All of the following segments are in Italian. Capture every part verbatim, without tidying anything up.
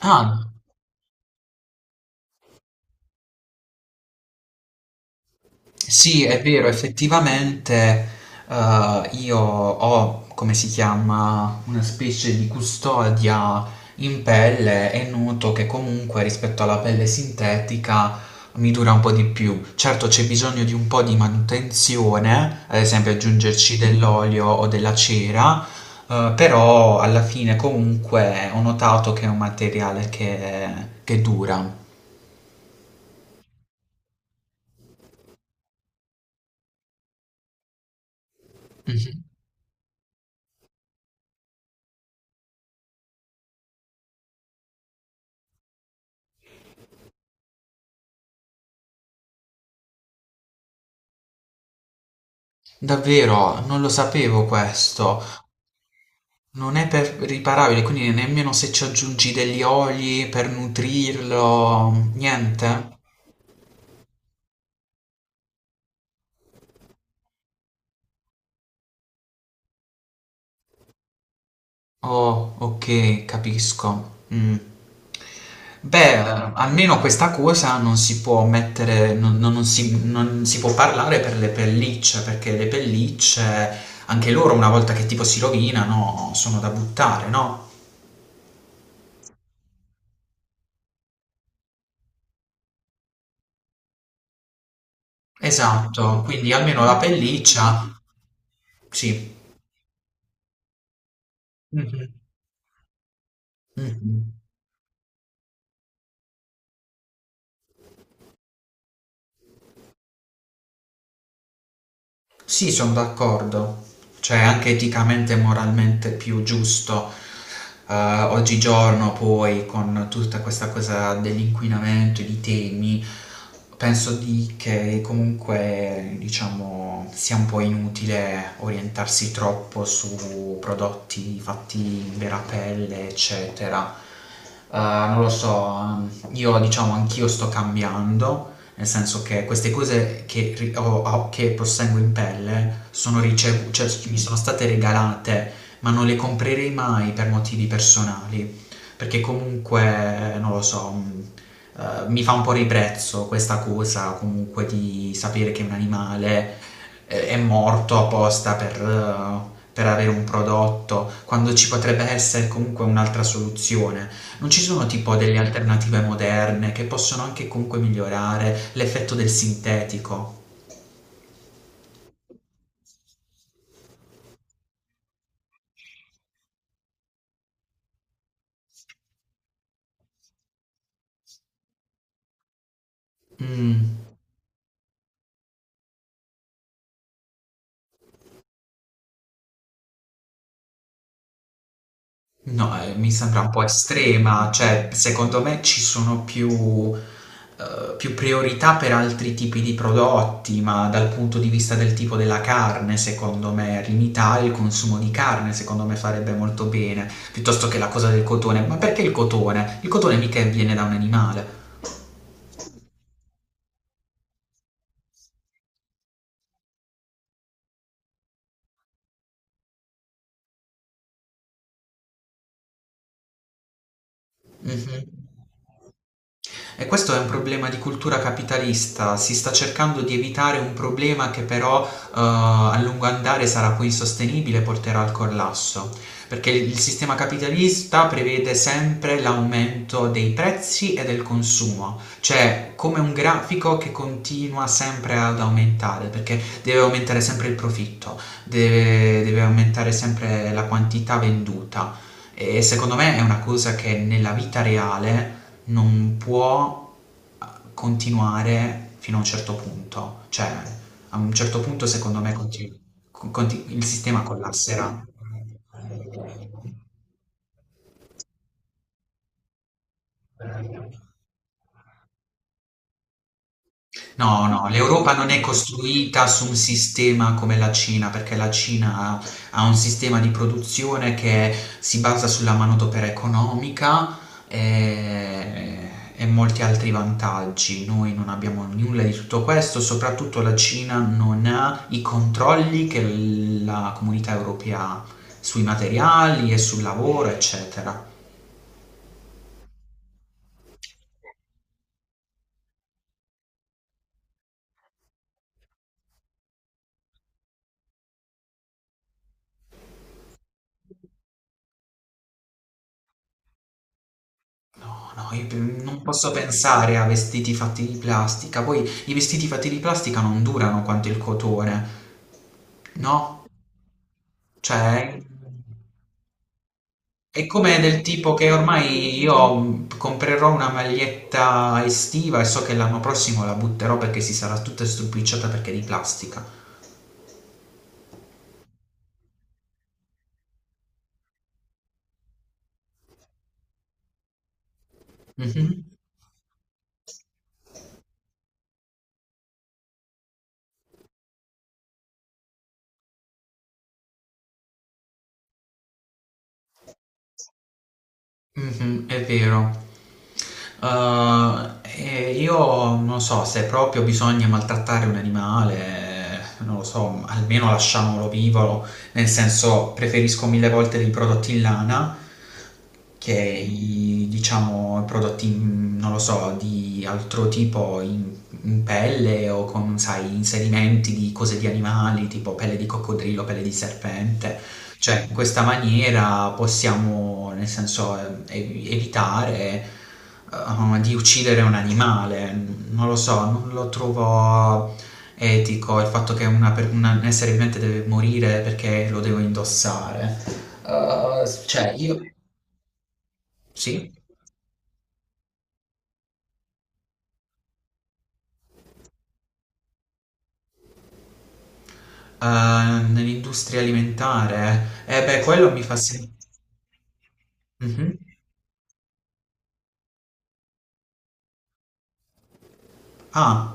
Ah, sì, è vero, effettivamente eh, io ho, come si chiama, una specie di custodia in pelle e noto che comunque rispetto alla pelle sintetica mi dura un po' di più. Certo c'è bisogno di un po' di manutenzione, ad esempio aggiungerci dell'olio o della cera, eh, però alla fine comunque ho notato che è un materiale che, che dura. Mhm. Davvero, non lo sapevo questo. Non è per riparabile, quindi nemmeno se ci aggiungi degli oli per nutrirlo, niente? Oh, ok, capisco. Mm. Beh, almeno questa cosa non si può mettere, non, non- non si, non si può parlare per le pellicce, perché le pellicce, anche loro una volta che tipo si rovinano, sono da buttare, no? Esatto, quindi almeno la pelliccia, sì. Mhm. Mhm. Sì, sono d'accordo. Cioè, anche eticamente e moralmente più giusto, eh, oggigiorno poi con tutta questa cosa dell'inquinamento e di temi, penso di che comunque, diciamo, sia un po' inutile orientarsi troppo su prodotti fatti in vera pelle, eccetera. Eh, non lo so, ehm, io diciamo anch'io sto cambiando nel senso che queste cose che, ri- ho- ho- che possengo in pelle sono ricevu- cioè, mi sono state regalate, ma non le comprerei mai per motivi personali, perché comunque, eh, non lo so, mh, eh, mi fa un po' ribrezzo questa cosa comunque di sapere che un animale eh, è morto apposta per, eh, per avere un prodotto, quando ci potrebbe essere comunque un'altra soluzione. Non ci sono tipo delle alternative moderne che possono anche comunque migliorare l'effetto del sintetico? Mm, no, eh, mi sembra un po' estrema, cioè secondo me ci sono più, eh, più priorità per altri tipi di prodotti, ma dal punto di vista del tipo della carne, secondo me limitare il consumo di carne, secondo me farebbe molto bene, piuttosto che la cosa del cotone. Ma perché il cotone? Il cotone mica viene da un animale. Mhm. E questo è un problema di cultura capitalista, si sta cercando di evitare un problema che però eh, a lungo andare sarà poi insostenibile e porterà al collasso, perché il sistema capitalista prevede sempre l'aumento dei prezzi e del consumo, cioè come un grafico che continua sempre ad aumentare, perché deve aumentare sempre il profitto, deve, deve aumentare sempre la quantità venduta. E secondo me è una cosa che nella vita reale non può eh, continuare fino a un certo punto, cioè a un certo punto secondo me continu- con- conti- il sistema collasserà. No, no, l'Europa non è costruita su un sistema come la Cina, perché la Cina ha, ha un sistema di produzione che si basa sulla manodopera economica e, e molti altri vantaggi. Noi non abbiamo nulla di tutto questo, soprattutto la Cina non ha i controlli che la comunità europea ha sui materiali e sul lavoro, eccetera. No, no, io pe- non posso pensare a vestiti fatti di plastica. Poi i vestiti fatti di plastica non durano quanto il cotone, no? Cioè, è come del tipo che ormai io comprerò una maglietta estiva e so che l'anno prossimo la butterò perché si sarà tutta stropicciata perché è di plastica. Mhm. Mhm, è vero. Uh, e io non so se proprio bisogna maltrattare un animale, eh, non lo so, almeno lasciamolo vivo, nel senso preferisco mille volte dei prodotti in lana che i, diciamo prodotti, in- non lo so, di altro tipo in, in, pelle o con, sai, inserimenti di cose di animali, tipo pelle di coccodrillo, pelle di serpente. Cioè, in questa maniera possiamo, nel senso, eh, ev- evitare eh, di uccidere un animale. Non lo so, non lo trovo etico il fatto che una per- una- un essere vivente deve morire perché lo devo indossare. Eh, cioè, io sì. Eh, nell'industria alimentare, eh beh, quello mi fa sentire. Ah.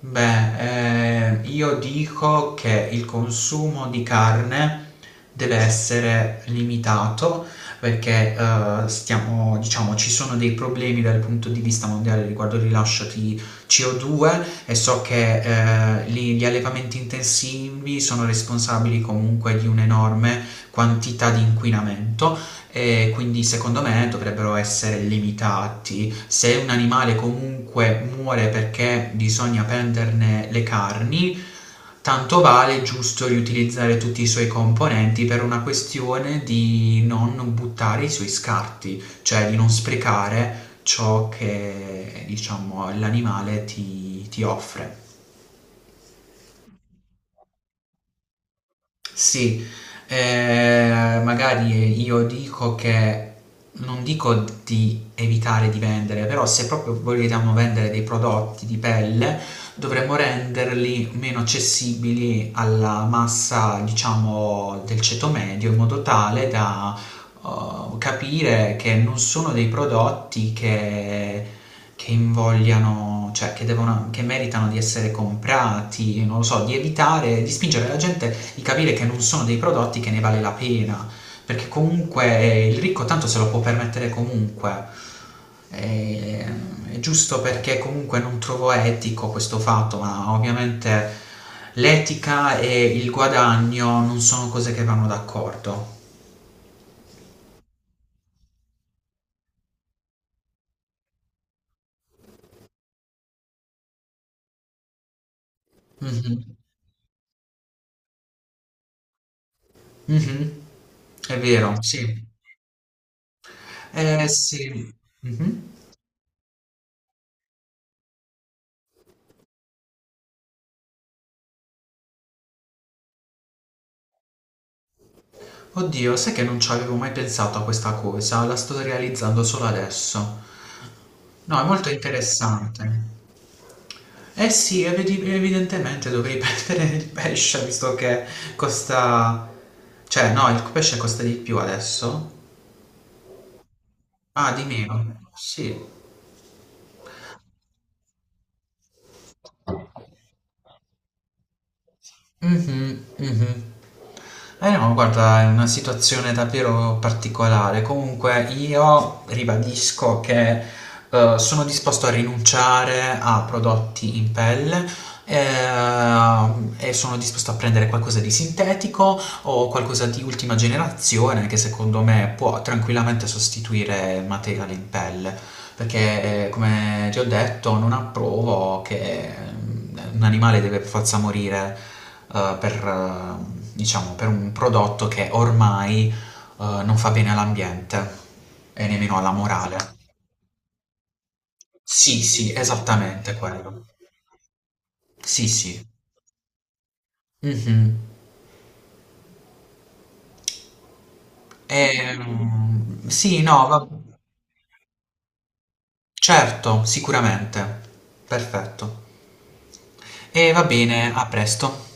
Beh, eh, io dico che il consumo di carne deve essere limitato perché eh, stiamo, diciamo, ci sono dei problemi dal punto di vista mondiale riguardo il rilascio di ci o due e so che eh, gli, gli allevamenti intensivi sono responsabili comunque di un'enorme quantità di inquinamento e quindi secondo me dovrebbero essere limitati quindi se un animale comunque muore perché bisogna prenderne le carni, tanto vale giusto riutilizzare tutti i suoi componenti per una questione di non buttare i suoi scarti, cioè di non sprecare ciò che diciamo l'animale ti, ti offre. Sì, eh, magari io dico che non dico di evitare di vendere, però se proprio vogliamo vendere dei prodotti di pelle, dovremmo renderli meno accessibili alla massa, diciamo, del ceto medio in modo tale da uh, capire che non sono dei prodotti che, che invogliano, cioè che, devono, che meritano di essere comprati, non lo so, di evitare, di spingere la gente, di capire che non sono dei prodotti che ne vale la pena, perché comunque eh, il ricco tanto se lo può permettere comunque. E, è giusto perché comunque non trovo etico questo fatto, ma ovviamente l'etica e il guadagno non sono cose che vanno d'accordo. Mhm. Mh-mh. È vero, sì. Eh sì. Mh-mh. Oddio, sai che non ci avevo mai pensato a questa cosa, la sto realizzando solo adesso. No, è molto interessante. Eh sì, evidi evidentemente dovrei prendere il pesce visto che costa cioè no, il pesce costa di più adesso? Ah, di meno. Sì. Mhm, mhm. Eh no, guarda, è una situazione davvero particolare. Comunque io ribadisco che eh, sono disposto a rinunciare a prodotti in pelle eh, e sono disposto a prendere qualcosa di sintetico o qualcosa di ultima generazione che secondo me può tranquillamente sostituire il materiale in pelle, perché eh, come ti ho detto non approvo che mm, un animale deve per forza morire eh, per, eh, diciamo, per un prodotto che ormai eh, non fa bene all'ambiente e nemmeno alla morale. Sì, sì, esattamente quello. Sì, sì. Mhm. Ehm, sì, no, va. Certo, sicuramente. Perfetto. E va bene, a presto.